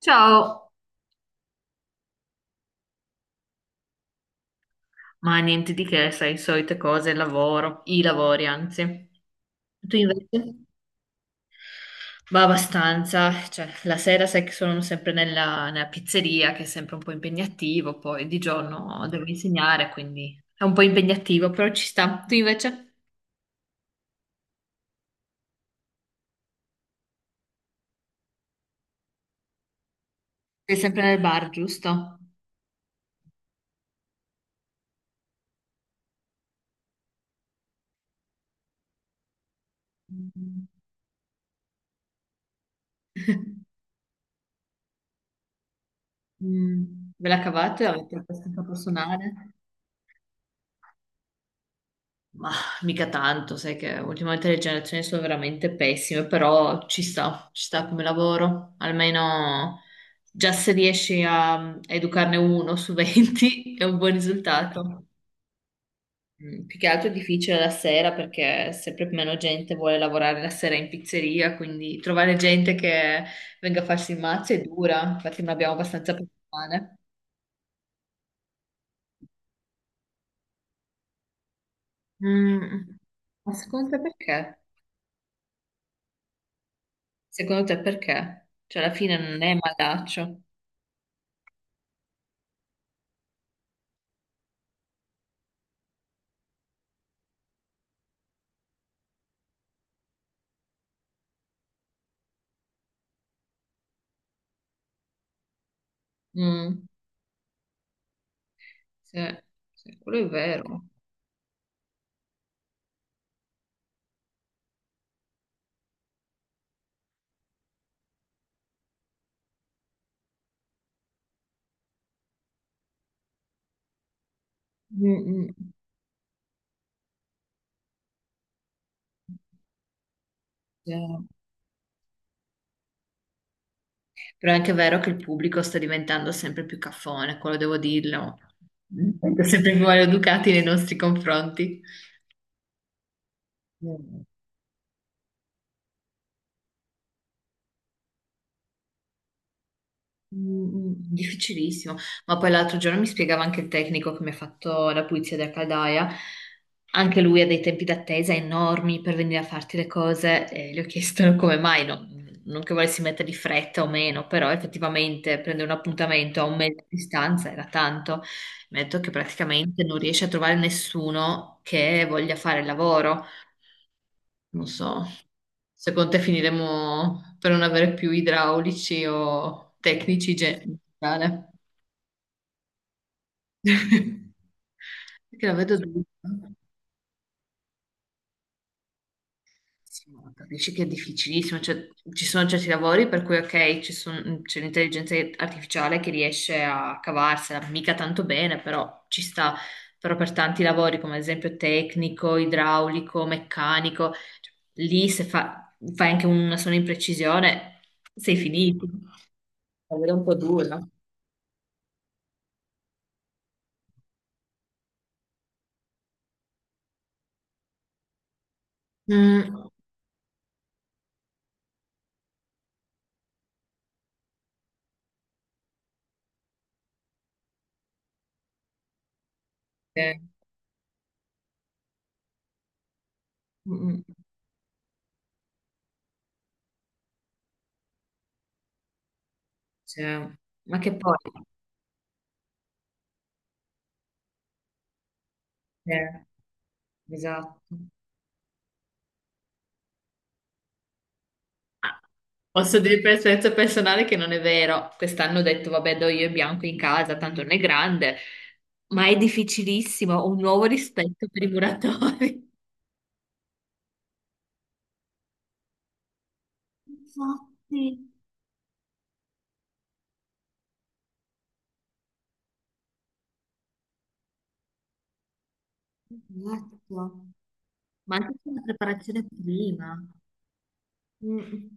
Ciao, ma niente di che, sai, solite cose, lavoro, i lavori anzi. Tu invece? Va abbastanza, cioè la sera sai che sono sempre nella pizzeria, che è sempre un po' impegnativo, poi di giorno devo insegnare, quindi è un po' impegnativo, però ci sta. Tu invece? Sei sempre nel bar, giusto? Mm. Mm. Ve la cavate? Avete questa personale? Ma mica tanto, sai che ultimamente le generazioni sono veramente pessime, però ci sta come lavoro. Almeno già se riesci a educarne uno su 20 è un buon risultato. Mm, più che altro è difficile la sera perché sempre meno gente vuole lavorare la sera in pizzeria, quindi trovare gente che venga a farsi il mazzo è dura, infatti non abbiamo abbastanza persone. Mm. Ma secondo te perché? Secondo te perché? Cioè alla fine non è malaccio. Mm. Sì, sì, quello è vero. Mm, mm, sì. Però è anche vero che il pubblico sta diventando sempre più caffone, quello devo dirlo. Mm. Sempre più maleducati nei nostri confronti. Mm. Mm, mm, difficilissimo, ma poi l'altro giorno mi spiegava anche il tecnico che mi ha fatto la pulizia della caldaia, anche lui ha dei tempi d'attesa enormi per venire a farti le cose e gli ho chiesto come mai, non che volessi mettere di fretta o meno, però effettivamente prendere un appuntamento a un mese di distanza era tanto, mi ha detto che praticamente non riesce a trovare nessuno che voglia fare il lavoro. Non so, secondo te finiremo per non avere più idraulici o tecnici in generale? Perché la vedo dura. Sì, ma capisci che è difficilissimo, cioè, ci sono certi lavori per cui ok, c'è l'intelligenza artificiale che riesce a cavarsela, mica tanto bene, però ci sta. Però per tanti lavori, come ad esempio tecnico, idraulico, meccanico, cioè, lì se fa- fai anche una sola imprecisione, sei finito. Davvero un po' dura. Mm. Eh, mm, mm. Cioè, ma che poi? Eh, esatto. Ah, posso dire per esperienza personale che non è vero. Quest'anno ho detto, vabbè, do io il bianco in casa, tanto non è grande, ma è difficilissimo. Ho un nuovo rispetto per i muratori. Infatti, esatto. Ma anche per la preparazione prima. Mm.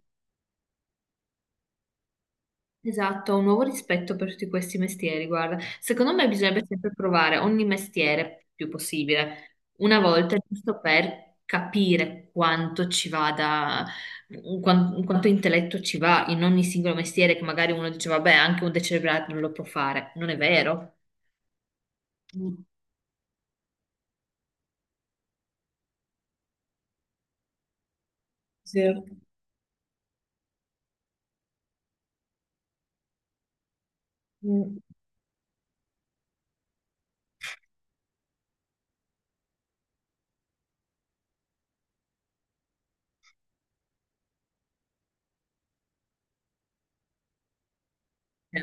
Esatto, un nuovo rispetto per tutti questi mestieri, guarda. Secondo me bisognerebbe sempre provare ogni mestiere più possibile, una volta, giusto per capire quanto ci vada, quanto intelletto ci va in ogni singolo mestiere, che magari uno dice, vabbè, anche un decerebrato non lo può fare. Non è vero? Mm. Sì. Mm. Sì,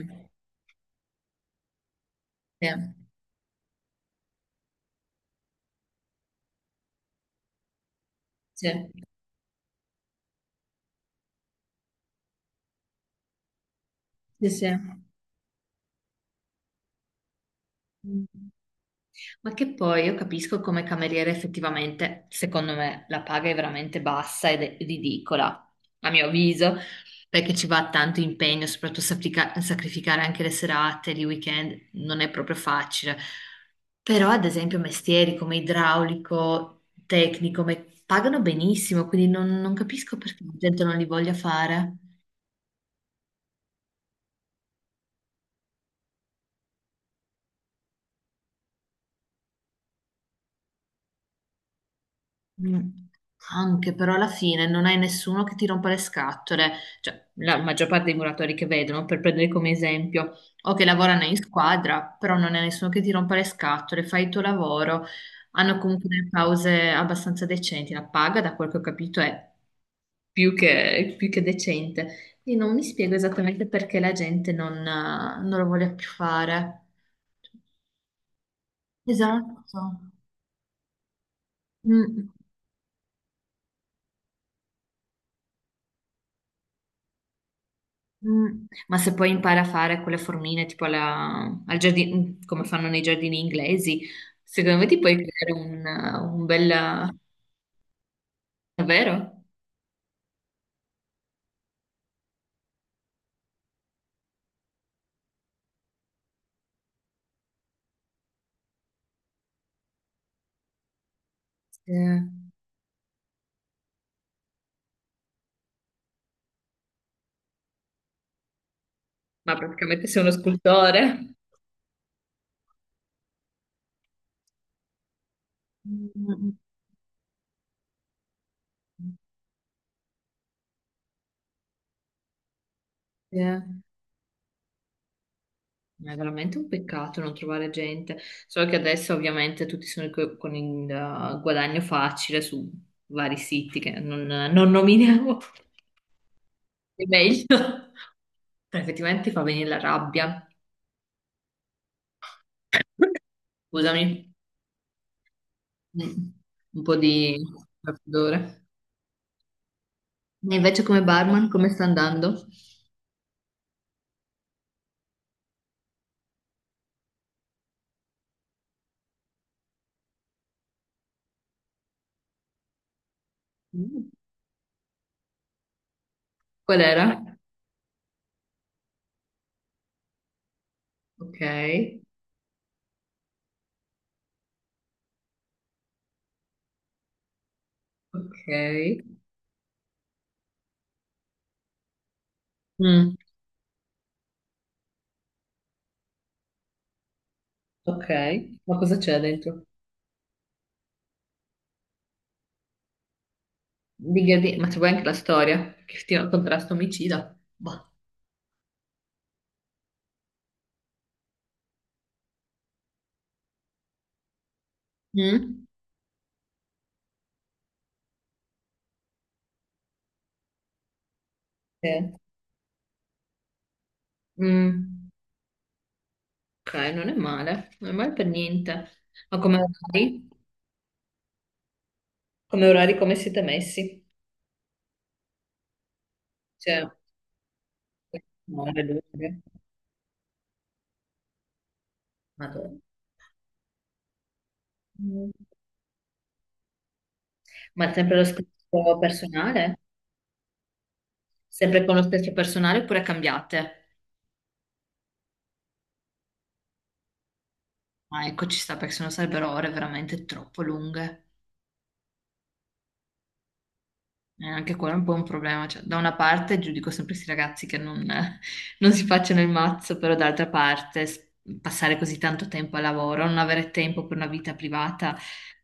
sì, sì, sì. Mm. Ma che poi io capisco come cameriere effettivamente, secondo me, la paga è veramente bassa ed è ridicola, a mio avviso, perché ci va tanto impegno, soprattutto sacrificare anche le serate, i weekend, non è proprio facile. Però, ad esempio, mestieri come idraulico, tecnico, pagano benissimo, quindi non capisco perché la gente non li voglia fare. Mm. Anche però alla fine non hai nessuno che ti rompa le scatole, cioè la maggior parte dei muratori che vedono, per prendere come esempio, o che lavorano in squadra, però non è nessuno che ti rompa le scatole, fai il tuo lavoro, hanno comunque delle pause abbastanza decenti, la paga da quel che ho capito è più che decente. Quindi non mi spiego esattamente perché la gente non lo voglia più fare. Esatto. Mm. Mm, ma se poi impara a fare quelle formine tipo al giardino, come fanno nei giardini inglesi, secondo me ti puoi creare un bel... Davvero? Sì. Ma praticamente sei uno scultore. Mm, sì. Ma è veramente un peccato non trovare gente. Solo che adesso ovviamente tutti sono con il guadagno facile su vari siti che non nominiamo. È meglio. Effettivamente ti fa venire la rabbia. Scusami. Mm. Un po' di raffreddore. E invece come barman, come sta andando? Mm. Qual era? Ok, ok. Mm. Ok, ma cosa c'è dentro? Ma c'è poi anche la storia, che ti contrasto omicida. Boh. Mm? Sì. Mm. Ok, non è male, non è male per niente. Ma come orari? Come orari, come siete messi? Cioè, un'ora, due, tre. Madonna. Mm. Ma sempre lo stesso personale? Sempre con lo stesso personale oppure cambiate? Ah, ecco, ci sta perché sennò sarebbero ore veramente troppo lunghe. Anche quello è un po' un problema. Cioè, da una parte giudico sempre questi ragazzi che non, non si facciano il mazzo, però d'altra parte passare così tanto tempo al lavoro, non avere tempo per una vita privata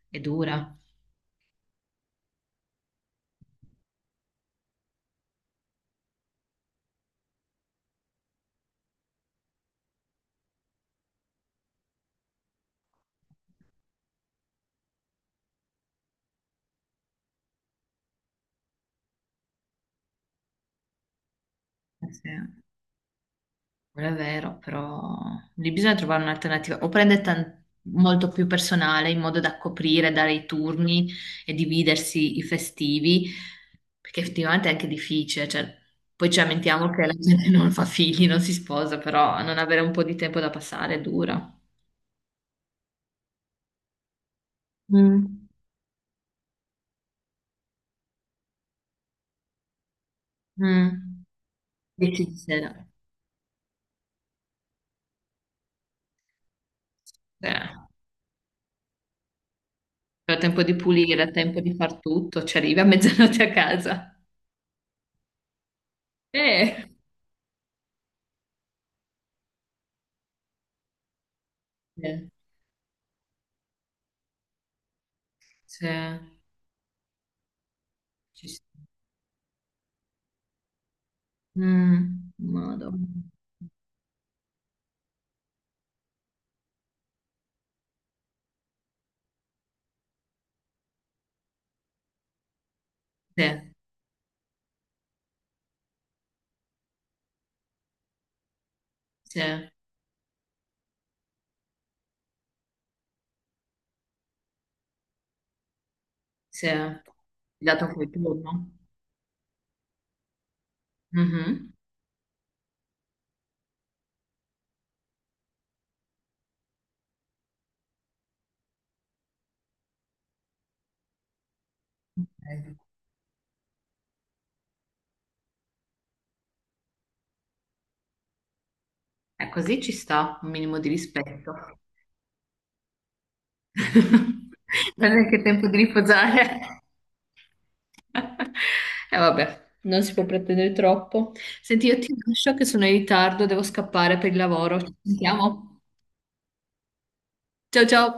è dura. Eh sì. Quello è vero, però lì bisogna trovare un'alternativa. O molto più personale in modo da coprire, dare i turni e dividersi i festivi, perché effettivamente è anche difficile. Cioè, poi ci lamentiamo che la gente non fa figli, non si sposa, però non avere un po' di tempo da passare è dura. Mm. Mm. Difficile. Eh. Però tempo di pulire, tempo di far tutto, ci arrivi a mezzanotte a casa. Eh. Eh, sì, ci sta. Mm, madonna. Sì, sì, sì. Dato quel turno. Mhm. Ok. Così ci sta, un minimo di rispetto. Non è che è tempo di riposare. E vabbè, non si può pretendere troppo. Senti, io ti lascio che sono in ritardo, devo scappare per il lavoro. Ci sentiamo. Ciao ciao.